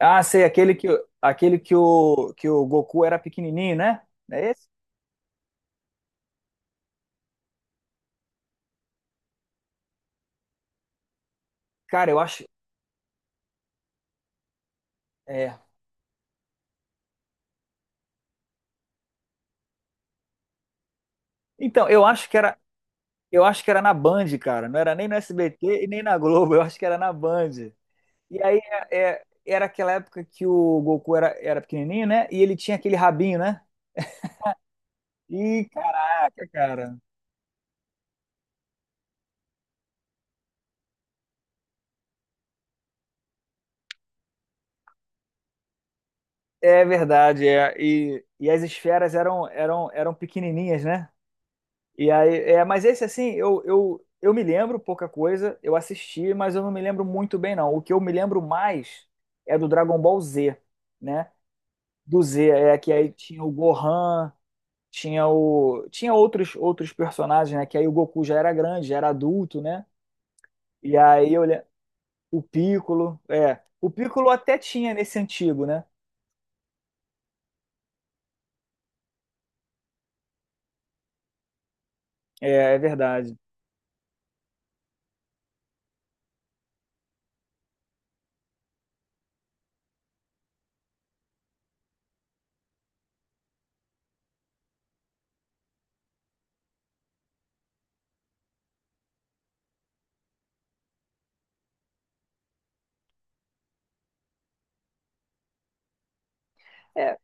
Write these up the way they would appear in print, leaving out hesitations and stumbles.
Ah, sei, aquele que o Goku era pequenininho, né? É esse? Cara, eu acho. É. Então, eu acho que era na Band, cara. Não era nem no SBT e nem na Globo. Eu acho que era na Band. E aí era aquela época que o Goku era pequenininho, né? E ele tinha aquele rabinho, né? E caraca, cara. É verdade, é. E, e as esferas eram pequenininhas, né? E aí, é, mas esse assim, eu me lembro pouca coisa, eu assisti, mas eu não me lembro muito bem, não. O que eu me lembro mais é do Dragon Ball Z, né? Do Z, é que aí tinha o Gohan, tinha o. Tinha outros, outros personagens, né? Que aí o Goku já era grande, já era adulto, né? E o Piccolo, é. O Piccolo até tinha nesse antigo, né? É, é verdade. É,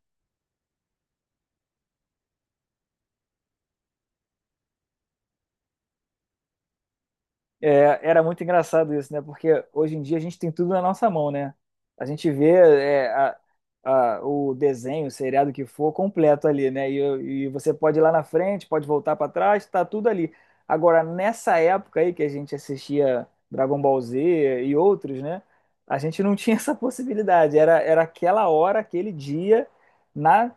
Era muito engraçado isso, né? Porque hoje em dia a gente tem tudo na nossa mão, né? A gente vê o desenho, o seriado que for completo ali, né? E você pode ir lá na frente, pode voltar para trás, tá tudo ali. Agora, nessa época aí que a gente assistia Dragon Ball Z e outros, né? A gente não tinha essa possibilidade. Era aquela hora, aquele dia, na,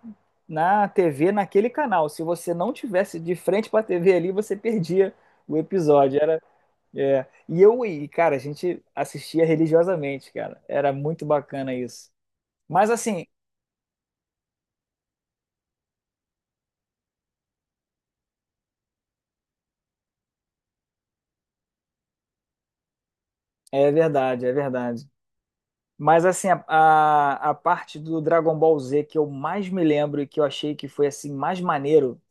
na TV, naquele canal. Se você não tivesse de frente para a TV ali, você perdia o episódio. É. E eu e, cara, a gente assistia religiosamente, cara. Era muito bacana isso. Mas assim, é verdade, é verdade. Mas assim, a parte do Dragon Ball Z que eu mais me lembro e que eu achei que foi assim mais maneiro,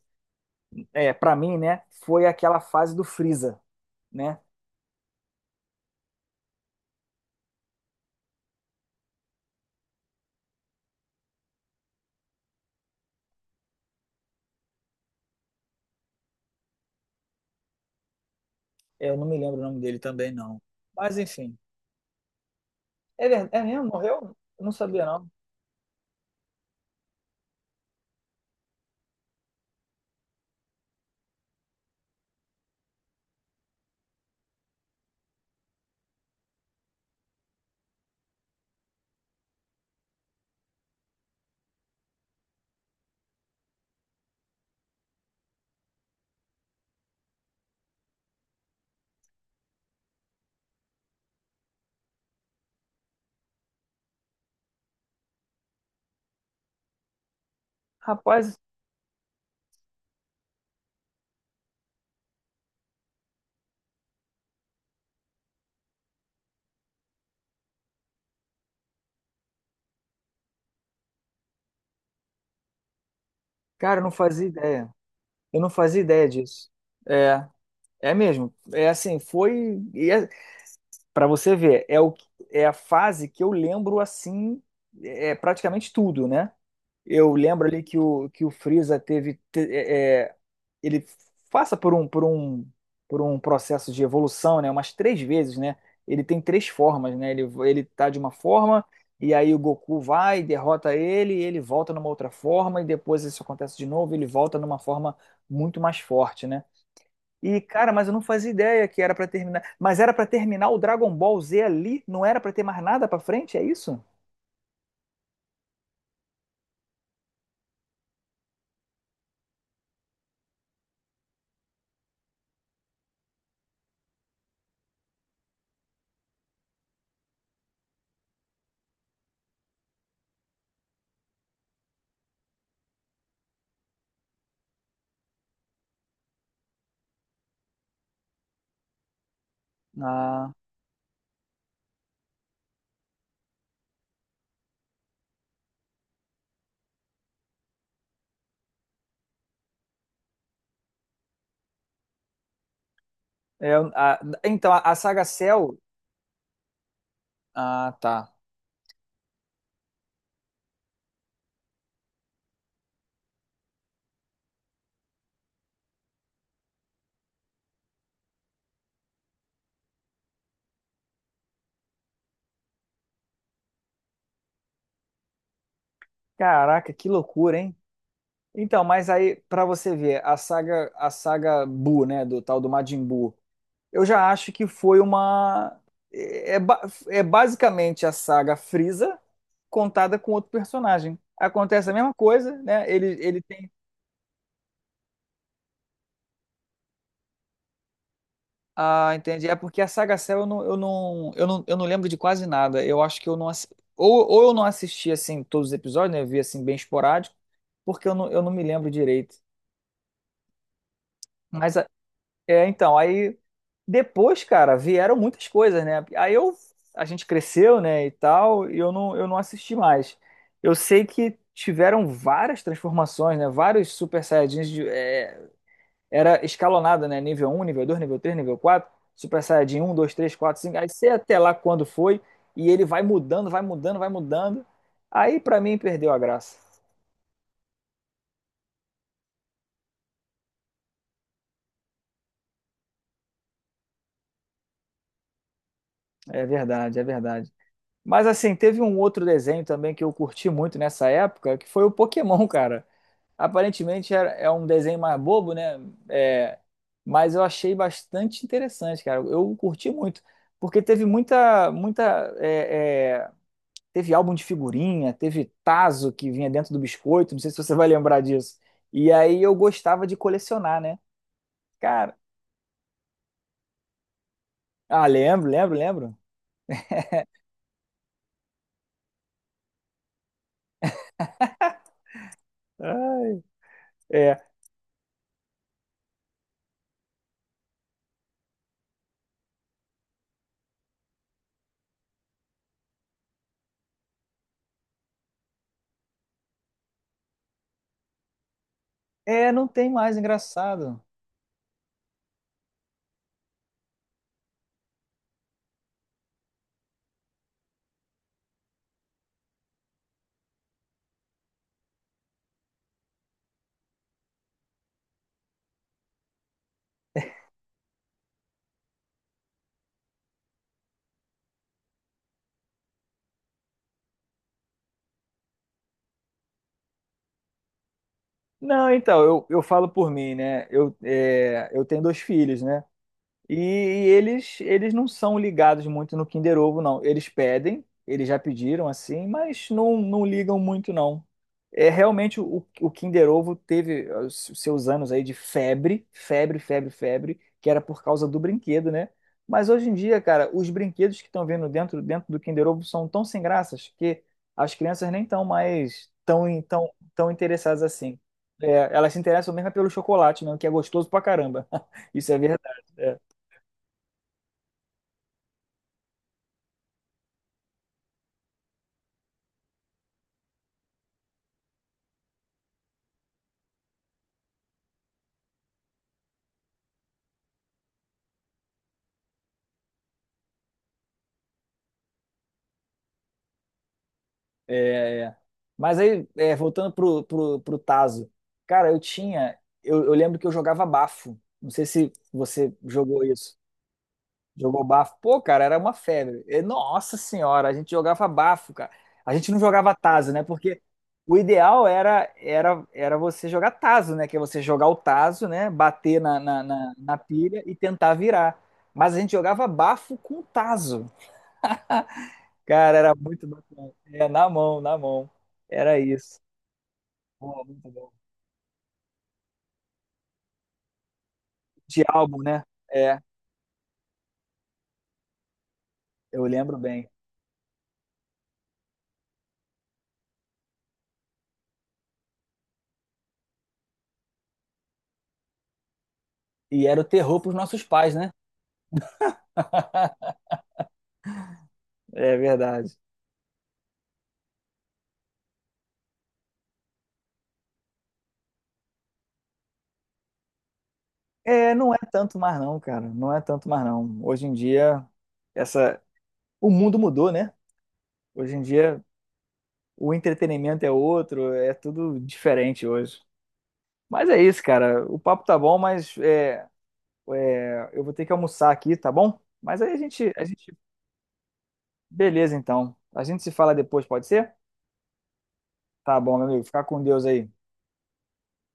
é, para mim, né, foi aquela fase do Freeza, né? É, eu não me lembro o nome dele também não. Mas enfim. É verdade, é mesmo? Morreu? Eu não sabia não. Rapaz, cara, eu não fazia ideia. Eu não fazia ideia disso. É, é mesmo. É assim, foi. E é, para você ver, é a fase que eu lembro assim, é praticamente tudo, né? Eu lembro ali que que o Freeza teve, ele passa por um processo de evolução, né? Umas três vezes, né? Ele tem três formas, né? Ele tá de uma forma, e aí o Goku vai, derrota ele, e ele volta numa outra forma, e depois isso acontece de novo, ele volta numa forma muito mais forte, né? E, cara, mas eu não fazia ideia que era pra terminar. Mas era pra terminar o Dragon Ball Z ali? Não era pra ter mais nada pra frente? É isso? Ah, é, ah, então, a saga Cell. Ah, tá. Caraca, que loucura, hein? Então, mas aí, pra você ver, a saga Buu, né? Do tal do Majin Buu. Eu já acho que foi uma. É, é basicamente a saga Frieza contada com outro personagem. Acontece a mesma coisa, né? Ele Ah, entendi. É porque a Saga Cell eu não lembro de quase nada. Eu acho que eu não assi- ou eu não assisti assim todos os episódios, né? Eu vi assim bem esporádico, porque eu não me lembro direito. Mas a- aí depois, cara, vieram muitas coisas, né? Aí eu a gente cresceu, né, e tal, e eu não assisti mais. Eu sei que tiveram várias transformações, né? Vários Super Saiyajins era escalonada, né? Nível um, nível 2, nível 3, nível 4, Super Saiyajin um, 2, 3, quatro, 5, aí sei até lá quando foi, e ele vai mudando. Aí pra mim perdeu a graça. É verdade, é verdade. Mas assim, teve um outro desenho também que eu curti muito nessa época, que foi o Pokémon, cara. É um desenho mais bobo, né? É, mas eu achei bastante interessante, cara. Eu curti muito, porque teve teve álbum de figurinha, teve tazo que vinha dentro do biscoito, não sei se você vai lembrar disso. E aí eu gostava de colecionar, né? Cara, ah, lembro. Ah, é, não tem mais, engraçado. Não, então, eu falo por mim, né? Eu, é, eu tenho dois filhos, né? E, eles não são ligados muito no Kinder Ovo, não. Eles pedem, eles já pediram assim, mas não, não ligam muito, não. É realmente o Kinder Ovo teve os seus anos aí de febre, que era por causa do brinquedo, né? Mas hoje em dia, cara, os brinquedos que estão vendo dentro do Kinder Ovo são tão sem graças que as crianças nem estão mais tão interessadas assim. É, elas se interessam mesmo é pelo chocolate, mesmo, que é gostoso pra caramba. Isso é verdade. É. É, é. Mas aí, é, voltando pro Tazo, cara, eu lembro que eu jogava bafo. Não sei se você jogou isso. Jogou bafo? Pô, cara, era uma febre. E, nossa senhora, a gente jogava bafo, cara. A gente não jogava Tazo, né? Porque o ideal era você jogar Tazo, né? Que é você jogar o Tazo, né? Bater na, na pilha e tentar virar. Mas a gente jogava bafo com Tazo. Cara, era muito bacana. É, na mão, na mão. Era isso. Pô, muito bom. De álbum, né? É, eu lembro bem. E era o terror pros nossos pais, né? É verdade. É, não é tanto mais não, cara. Não é tanto mais não. Hoje em dia, essa, o mundo mudou, né? Hoje em dia, o entretenimento é outro, é tudo diferente hoje. Mas é isso, cara. O papo tá bom, mas é, é, eu vou ter que almoçar aqui, tá bom? Mas aí a gente, beleza então. A gente se fala depois, pode ser? Tá bom, meu amigo. Fica com Deus aí.